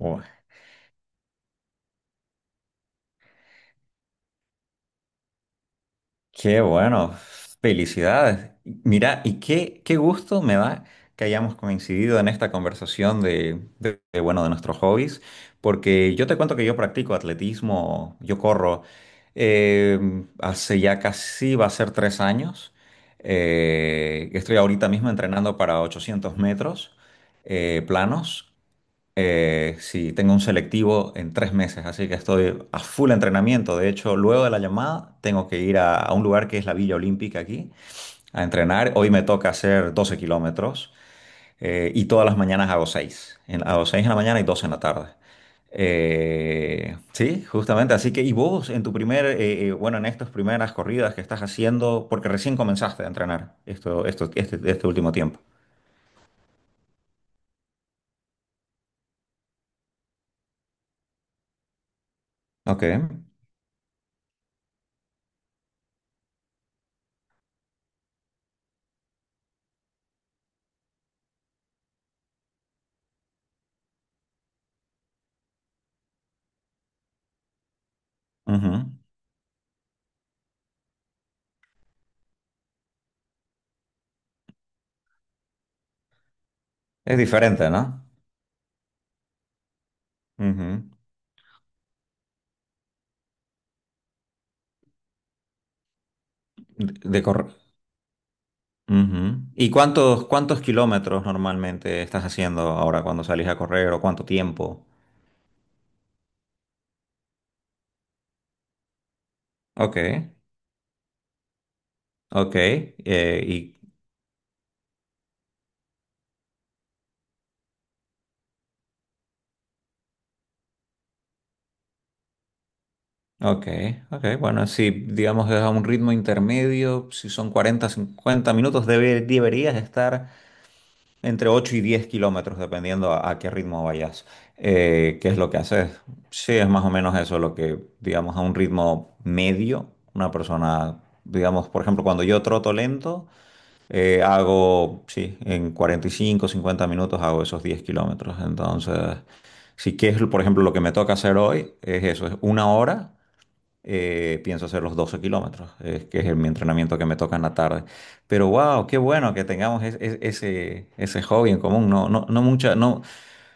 Oh, qué bueno, felicidades. Mira, y qué gusto me da que hayamos coincidido en esta conversación de, bueno, de nuestros hobbies, porque yo te cuento que yo practico atletismo, yo corro eh, hace ya casi va a ser 3 años. Estoy ahorita mismo entrenando para 800 metros planos. Sí, tengo un selectivo en 3 meses, así que estoy a full entrenamiento. De hecho, luego de la llamada tengo que ir a un lugar que es la Villa Olímpica aquí a entrenar. Hoy me toca hacer 12 kilómetros y todas las mañanas hago 6 en la mañana y 12 en la tarde. Sí, justamente. Así que, ¿y vos en tu primer, bueno, en estas primeras corridas que estás haciendo, porque recién comenzaste a entrenar este último tiempo? Ok. Ujú. Es diferente, ¿no? Ujú. De corre- Ujú. ¿Y cuántos kilómetros normalmente estás haciendo ahora cuando salís a correr o cuánto tiempo? Ok, ok, y, ok, ok, bueno, si digamos es a un ritmo intermedio, si son 40 50 minutos, deberías estar entre 8 y 10 kilómetros, dependiendo a qué ritmo vayas. ¿Qué es lo que haces? Sí, es más o menos eso lo que, digamos, a un ritmo medio, una persona, digamos, por ejemplo, cuando yo troto lento. Hago, sí, en 45 50 minutos hago esos 10 kilómetros. Entonces, si quieres, por ejemplo, lo que me toca hacer hoy es eso, es una hora, pienso hacer los 12 kilómetros, es que es mi entrenamiento que me toca en la tarde. Pero wow, qué bueno que tengamos ese hobby en común. No, no, no mucha, no,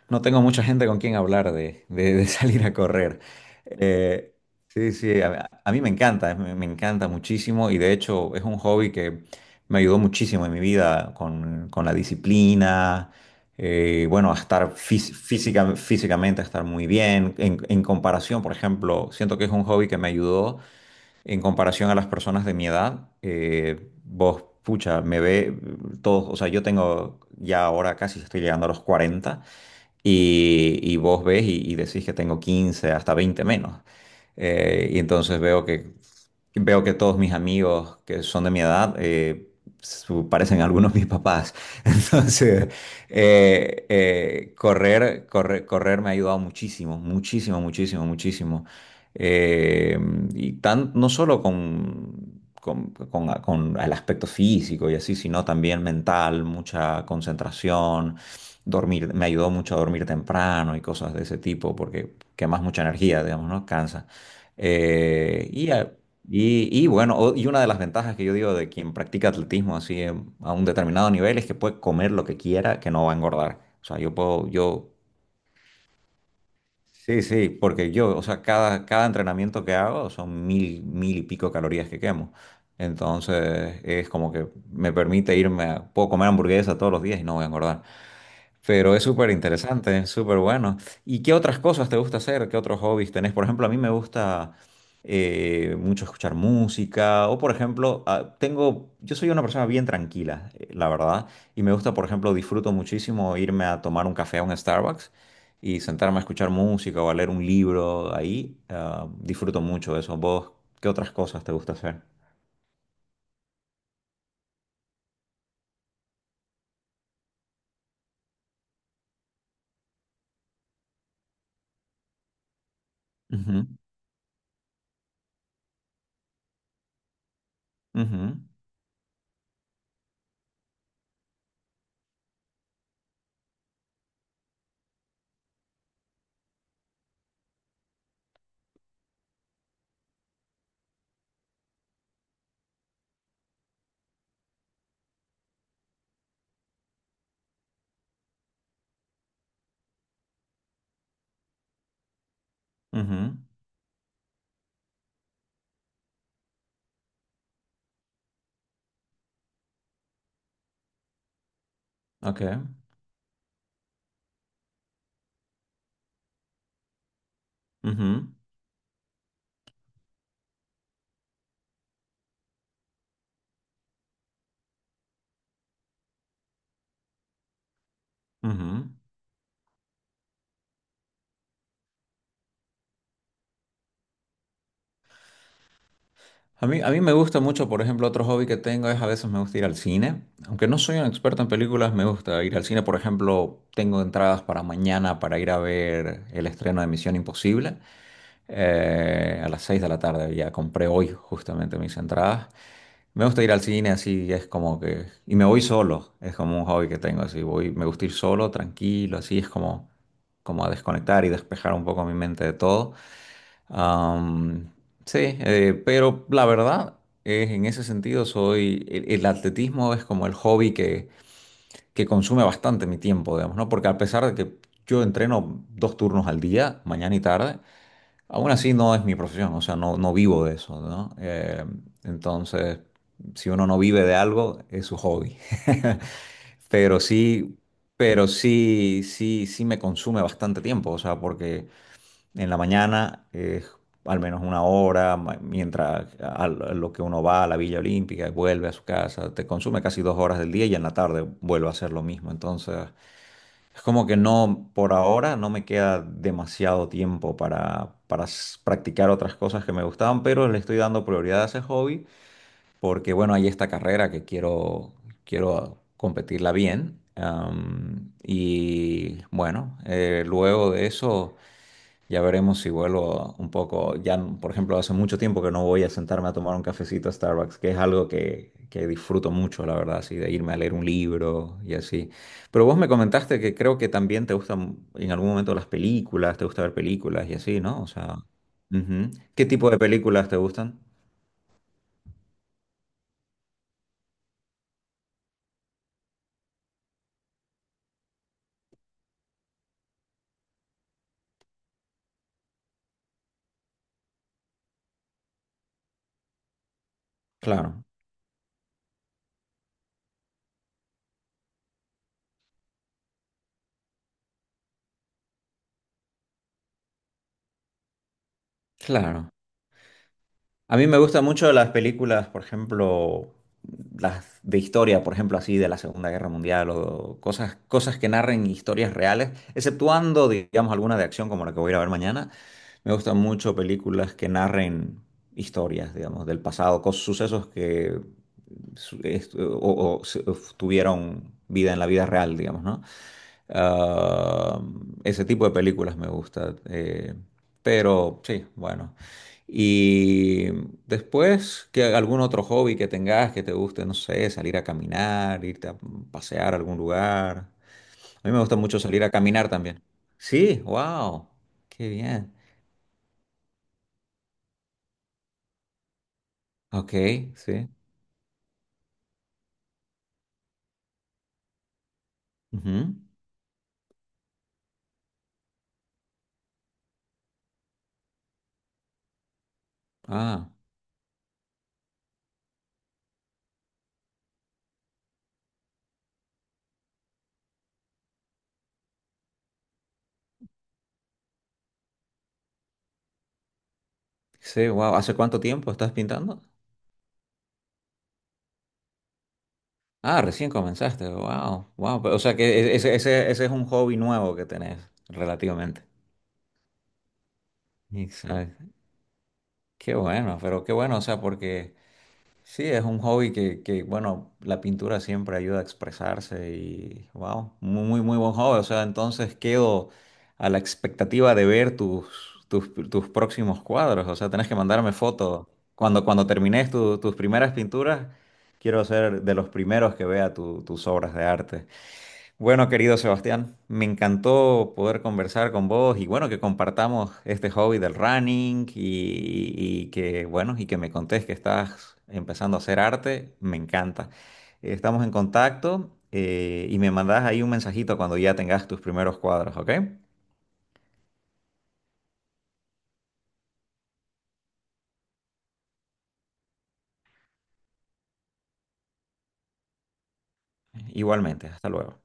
no tengo mucha gente con quien hablar de salir a correr. Eh, sí, sí, a mí me encanta, me encanta muchísimo y de hecho es un hobby que me ayudó muchísimo en mi vida con la disciplina, bueno, a estar físicamente, a estar muy bien. En comparación, por ejemplo, siento que es un hobby que me ayudó en comparación a las personas de mi edad, vos, pucha, me ve todos, o sea, yo tengo ya ahora casi estoy llegando a los 40 y vos ves y decís que tengo 15 hasta 20 menos. Y entonces veo que todos mis amigos que son de mi edad parecen algunos mis papás. Entonces, correr, correr, correr me ha ayudado muchísimo, muchísimo, muchísimo, muchísimo. Eh, y tan, no solo con el aspecto físico y así, sino también mental, mucha concentración, dormir, me ayudó mucho a dormir temprano y cosas de ese tipo, porque quemas mucha energía, digamos, ¿no? Cansa. Eh, y, a- y una de las ventajas que yo digo de quien practica atletismo así a un determinado nivel es que puede comer lo que quiera, que no va a engordar. O sea, yo puedo, yo, sí, sí, porque yo, o sea, cada entrenamiento que hago son mil, mil y pico calorías que quemo. Entonces, es como que me permite irme a, puedo comer hamburguesa todos los días y no voy a engordar. Pero es súper interesante, es súper bueno. ¿Y qué otras cosas te gusta hacer? ¿Qué otros hobbies tenés? Por ejemplo, a mí me gusta mucho escuchar música o, por ejemplo, tengo, yo soy una persona bien tranquila, la verdad, y me gusta, por ejemplo, disfruto muchísimo irme a tomar un café a un Starbucks y sentarme a escuchar música o a leer un libro ahí. Disfruto mucho de eso. ¿Vos qué otras cosas te gusta hacer? Ujú, ujú, ujú, ok, ujú, ujú. A mí me gusta mucho, por ejemplo, otro hobby que tengo es a veces me gusta ir al cine. Aunque no soy un experto en películas, me gusta ir al cine. Por ejemplo, tengo entradas para mañana para ir a ver el estreno de Misión Imposible. A las 6 de la tarde ya compré hoy justamente mis entradas. Me gusta ir al cine así, es como que... Y me voy solo, es como un hobby que tengo así. Voy, me gusta ir solo, tranquilo, así es como, como a desconectar y despejar un poco mi mente de todo. Am, sí, pero la verdad es en ese sentido soy el atletismo es como el hobby que consume bastante mi tiempo, digamos, ¿no? Porque a pesar de que yo entreno 2 turnos al día, mañana y tarde, aún así no es mi profesión, o sea, no, no vivo de eso, ¿no? Entonces, si uno no vive de algo, es su hobby. Pero sí, pero sí, sí, sí me consume bastante tiempo, o sea, porque en la mañana es al menos una hora, mientras a lo que uno va a la Villa Olímpica y vuelve a su casa, te consume casi 2 horas del día y en la tarde vuelve a hacer lo mismo. Entonces, es como que no, por ahora no me queda demasiado tiempo para, practicar otras cosas que me gustaban, pero le estoy dando prioridad a ese hobby porque, bueno, hay esta carrera que quiero, quiero competirla bien. Y bueno, luego de eso... Ya veremos si vuelvo un poco. Ya, por ejemplo, hace mucho tiempo que no voy a sentarme a tomar un cafecito a Starbucks, que es algo que disfruto mucho, la verdad, así, de irme a leer un libro y así. Pero vos me comentaste que creo que también te gustan en algún momento las películas, te gusta ver películas y así, ¿no? O sea, ujú. ¿Qué tipo de películas te gustan? Claro, claro. A mí me gustan mucho las películas, por ejemplo, las de historia, por ejemplo, así de la Segunda Guerra Mundial o cosas que narren historias reales, exceptuando, digamos, alguna de acción como la que voy a ir a ver mañana. Me gustan mucho películas que narren historias, digamos, del pasado, sucesos que su- est- o- o se- tuvieron vida en la vida real, digamos, ¿no? Ah, ese tipo de películas me gusta. Pero sí, bueno. Y después, que algún otro hobby que tengas que te guste, no sé, salir a caminar, irte a pasear a algún lugar. A mí me gusta mucho salir a caminar también. Sí, wow, qué bien. Ok, sí. Ujú. Ah, sí, wow. ¿Hace cuánto tiempo estás pintando? Ah, recién comenzaste, wow, wow. O sea que ese es un hobby nuevo que tenés, relativamente. Exacto. Qué bueno, pero qué bueno, o sea, porque sí, es un hobby que, bueno, la pintura siempre ayuda a expresarse y, wow, muy, muy, muy buen hobby. O sea, entonces quedo a la expectativa de ver tus próximos cuadros. O sea, tenés que mandarme fotos. Cuando termines tus primeras pinturas, quiero ser de los primeros que vea tus obras de arte. Bueno, querido Sebastián, me encantó poder conversar con vos y bueno, que compartamos este hobby del running y que bueno, y que me contés que estás empezando a hacer arte, me encanta. Estamos en contacto y me mandás ahí un mensajito cuando ya tengas tus primeros cuadros, ¿ok? Igualmente, hasta luego.